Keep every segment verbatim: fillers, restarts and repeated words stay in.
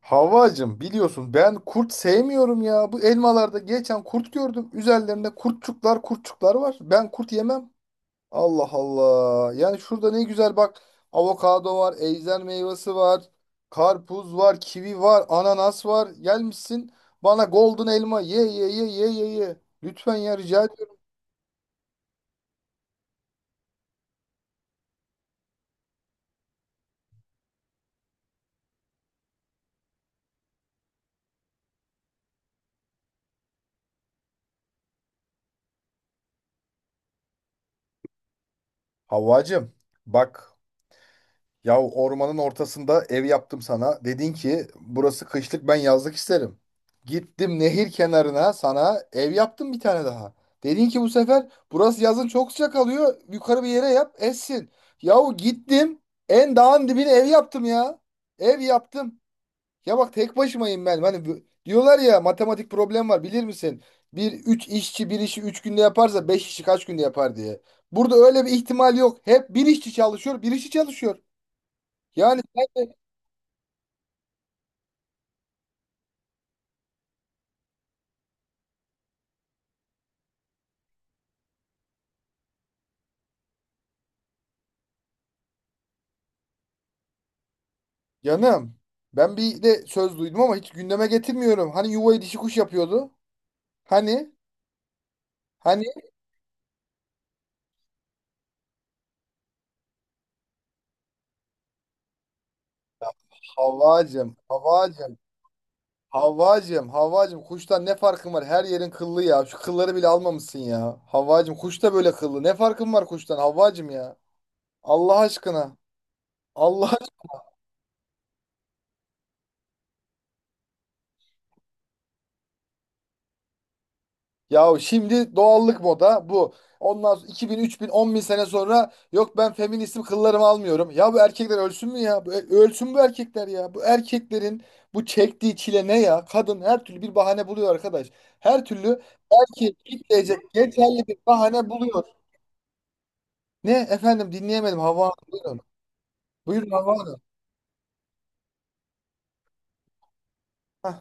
Havvacım biliyorsun ben kurt sevmiyorum ya. Bu elmalarda geçen kurt gördüm. Üzerlerinde kurtçuklar kurtçuklar var. Ben kurt yemem. Allah Allah. Yani şurada ne güzel bak. Avokado var, ejder meyvesi var, karpuz var, kivi var, ananas var. Gelmişsin bana golden elma ye ye ye ye ye ye. Lütfen ya rica ediyorum. Havvacım bak. Ya ormanın ortasında ev yaptım sana. Dedin ki burası kışlık, ben yazlık isterim. Gittim nehir kenarına sana ev yaptım bir tane daha. Dedin ki bu sefer burası yazın çok sıcak alıyor. Yukarı bir yere yap essin. Yahu gittim en dağın dibine ev yaptım ya. Ev yaptım. Ya bak tek başımayım ben. Hani bu- diyorlar ya, matematik problem var bilir misin? Bir üç işçi bir işi üç günde yaparsa beş işçi kaç günde yapar diye. Burada öyle bir ihtimal yok. Hep bir işçi çalışıyor, bir işçi çalışıyor. Yani sen de-. Canım, ben bir de söz duydum ama hiç gündeme getirmiyorum. Hani yuvayı dişi kuş yapıyordu. Hani hani, Havvacım, Havvacım, Havvacım, Havvacım, kuştan ne farkın var? Her yerin kıllı ya. Şu kılları bile almamışsın ya. Havvacım, kuş da böyle kıllı. Ne farkın var kuştan Havvacım ya? Allah aşkına. Allah. Ya şimdi doğallık moda bu. Ondan sonra iki bin, üç bin, on bin sene sonra yok ben feministim kıllarımı almıyorum. Ya bu erkekler ölsün mü ya? Bu- e, Ölsün bu erkekler ya. Bu erkeklerin bu çektiği çile ne ya? Kadın her türlü bir bahane buluyor arkadaş. Her türlü erkek kitleyecek geçerli bir bahane buluyor. Ne efendim, dinleyemedim Havva Hanım. Buyurun, buyurun Havva Hanım. Heh.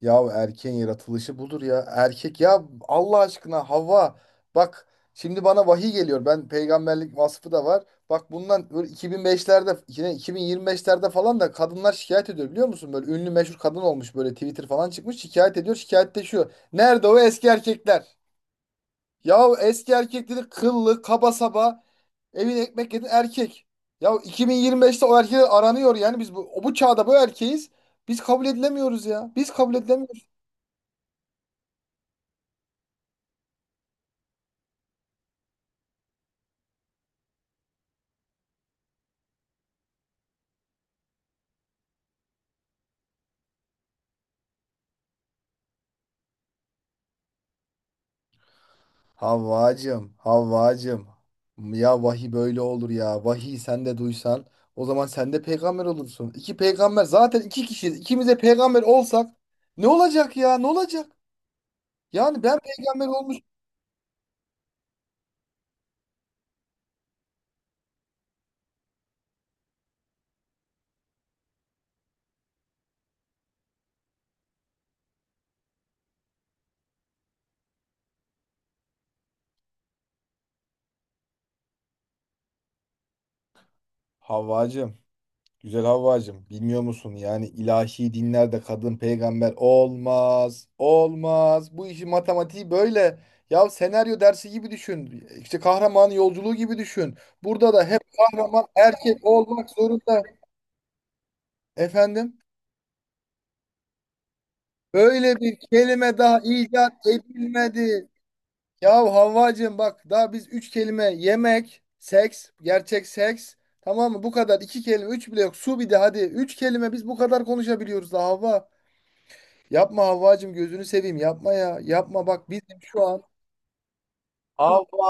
Ya erkeğin yaratılışı budur ya. Erkek ya Allah aşkına Havva, bak şimdi bana vahiy geliyor. Ben peygamberlik vasfı da var. Bak bundan böyle iki bin beşlerde yine iki bin yirmi beşlerde falan da kadınlar şikayet ediyor biliyor musun? Böyle ünlü meşhur kadın olmuş, böyle Twitter falan çıkmış şikayet ediyor, şikayette şu: nerede o eski erkekler? Ya eski erkek dedi kıllı kaba saba, evine ekmek yedi erkek. Ya iki bin yirmi beşte o erkekler aranıyor, yani biz bu, bu çağda bu erkeğiz. Biz kabul edilemiyoruz ya. Biz kabul edilemiyoruz. Havvacım, Havvacım. Ya vahiy böyle olur ya. Vahiy sen de duysan o zaman sen de peygamber olursun. İki peygamber zaten, iki kişiyiz. İkimiz de peygamber olsak ne olacak ya? Ne olacak? Yani ben peygamber olmuş. Havvacım, güzel Havvacım. Bilmiyor musun? Yani ilahi dinlerde kadın peygamber olmaz. Olmaz. Bu işin matematiği böyle. Ya senaryo dersi gibi düşün. İşte kahraman yolculuğu gibi düşün. Burada da hep kahraman erkek olmak zorunda. Efendim, böyle bir kelime daha icat edilmedi. Ya Havvacığım, bak daha biz üç kelime: yemek, seks, gerçek seks. Tamam mı? Bu kadar, iki kelime, üç bile yok. Su bir de, hadi. Üç kelime biz bu kadar konuşabiliyoruz da Havva. Yapma Havvacığım, gözünü seveyim yapma ya. Yapma bak bizim şu an. Havva,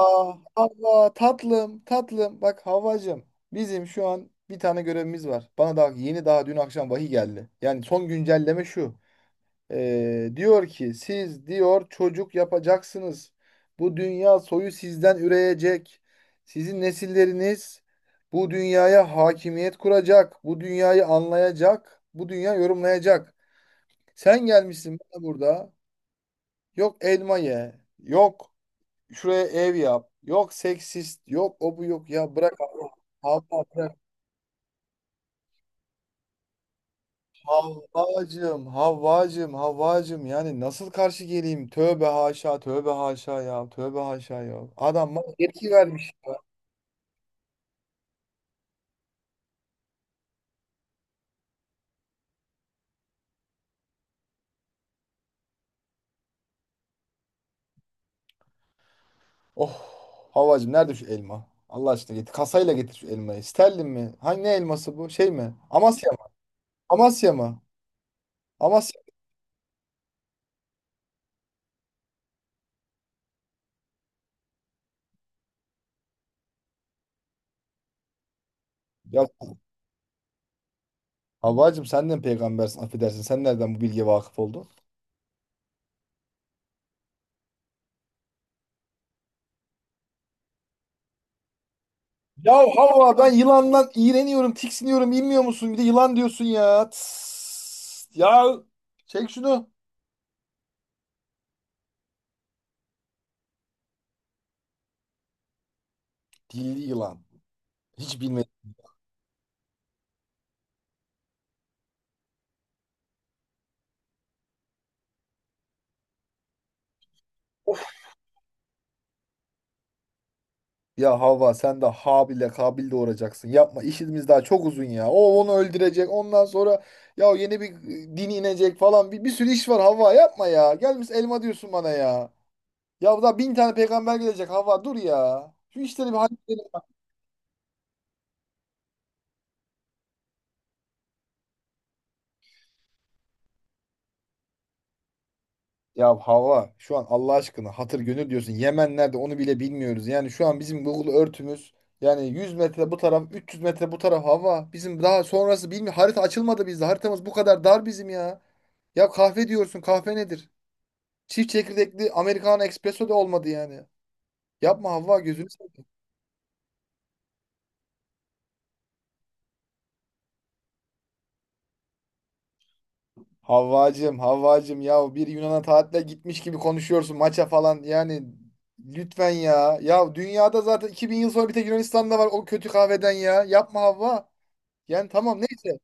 Havva tatlım, tatlım. Bak Havvacığım, bizim şu an bir tane görevimiz var. Bana daha yeni, daha dün akşam vahiy geldi. Yani son güncelleme şu. Ee, diyor ki siz diyor çocuk yapacaksınız. Bu dünya soyu sizden üreyecek. Sizin nesilleriniz bu dünyaya hakimiyet kuracak. Bu dünyayı anlayacak. Bu dünya yorumlayacak. Sen gelmişsin bana burada. Yok elma ye. Yok şuraya ev yap. Yok seksist. Yok o bu yok. Ya bırak. Allah. Allah. Bırak. Havvacım, Havvacım, Havvacım. Yani nasıl karşı geleyim? Tövbe haşa, tövbe haşa ya. Tövbe haşa ya. Adam bana yetki vermiş. Oh, Havvacım nerede şu elma? Allah aşkına getir. Kasayla getir şu elmayı. Sterlin mi? Hangi ne elması bu? Şey mi? Amasya mı? Amasya mı? Amasya. Ya Havvacım sen de mi peygambersin? Affedersin. Sen nereden bu bilgiye vakıf oldun? Ya Havva ben yılandan iğreniyorum, tiksiniyorum. Bilmiyor musun? Bir de yılan diyorsun ya. Tıs. Ya çek şunu. Dilli yılan. Hiç bilmedim. Ya Havva sen de Habil'le Kabil doğuracaksın. Yapma, işimiz daha çok uzun ya. O onu öldürecek. Ondan sonra ya yeni bir din inecek falan. Bir, bir sürü iş var Havva, yapma ya. Gelmiş elma diyorsun bana ya. Ya daha bin tane peygamber gelecek Havva, dur ya. Şu işleri bir halledelim. Ya Havva şu an Allah aşkına hatır gönül diyorsun. Yemen nerede onu bile bilmiyoruz. Yani şu an bizim Google örtümüz, yani yüz metre bu taraf, üç yüz metre bu taraf Havva. Bizim daha sonrası bilmiyor. Harita açılmadı bizde. Haritamız bu kadar dar bizim ya. Ya kahve diyorsun. Kahve nedir? Çift çekirdekli Americano, espresso da olmadı yani. Yapma Havva, gözünü seveyim. Havvacım, Havvacım, ya bir Yunan'a tatile gitmiş gibi konuşuyorsun, maça falan yani, lütfen ya. Ya dünyada zaten iki bin yıl sonra bir tek Yunanistan'da var o kötü kahveden ya. Yapma Havva. Yani tamam, neyse.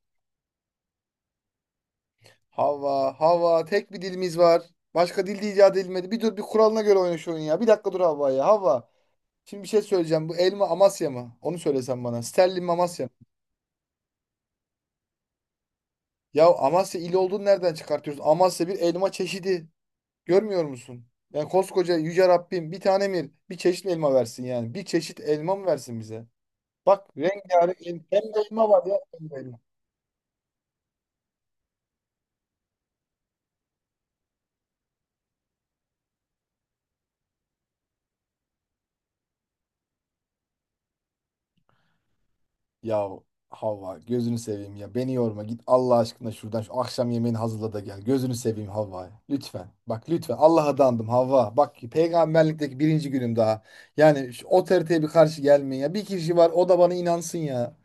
Havva, Havva, tek bir dilimiz var. Başka dil de icat edilmedi. Bir dur, bir kuralına göre oyna şu oyunu ya. Bir dakika dur Havva ya. Havva. Şimdi bir şey söyleyeceğim. Bu elma Amasya mı? Onu söylesen bana. Sterlin mi, Amasya mı? Ya Amasya il olduğunu nereden çıkartıyorsun? Amasya bir elma çeşidi. Görmüyor musun? Yani koskoca yüce Rabbim bir tane mi, bir çeşit mi elma versin yani? Bir çeşit elma mı versin bize? Bak rengarenk el- hem de elma var ya, hem de elma. Ya Havva gözünü seveyim ya. Beni yorma, git Allah aşkına şuradan şu akşam yemeğini hazırla da gel. Gözünü seveyim Havva. Lütfen. Bak lütfen, Allah'a dandım Havva. Bak peygamberlikteki birinci günüm daha. Yani şu otoriteye bir karşı gelmeyin ya. Bir kişi var, o da bana inansın ya.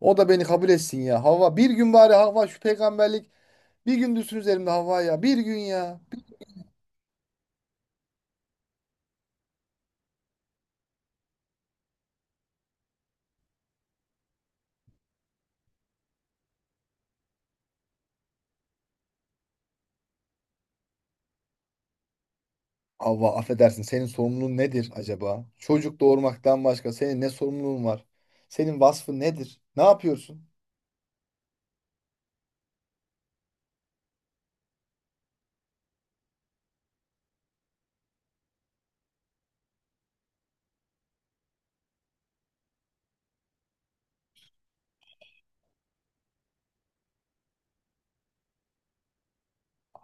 O da beni kabul etsin ya. Havva bir gün bari, Havva şu peygamberlik bir gün düşsün üzerimde Havva ya. Bir gün ya. Havva affedersin, senin sorumluluğun nedir acaba? Çocuk doğurmaktan başka senin ne sorumluluğun var? Senin vasfın nedir? Ne yapıyorsun?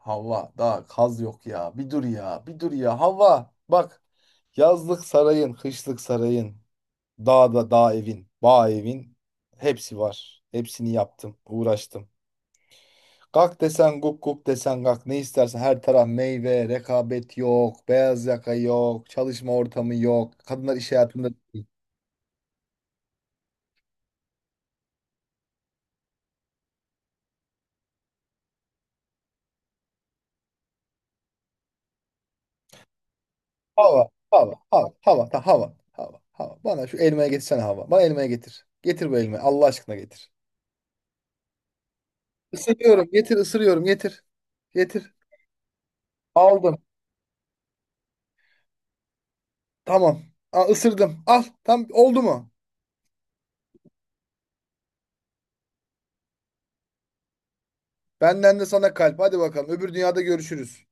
Havva daha kaz yok ya. Bir dur ya. Bir dur ya. Havva bak. Yazlık sarayın, kışlık sarayın, dağda dağ evin, bağ evin, hepsi var. Hepsini yaptım, uğraştım. Kalk desen guk guk desen kalk, ne istersen her taraf meyve, rekabet yok, beyaz yaka yok, çalışma ortamı yok. Kadınlar iş hayatında değil. Hava, hava, hava, hava, ta, hava, hava, hava. Bana şu elmaya getirsene hava. Bana elmaya getir. Getir bu elmayı. Allah aşkına getir. Isırıyorum, getir, ısırıyorum, getir. Getir. Aldım. Tamam. Aa, ısırdım. Al. Tam oldu mu? Benden de sana kalp. Hadi bakalım. Öbür dünyada görüşürüz.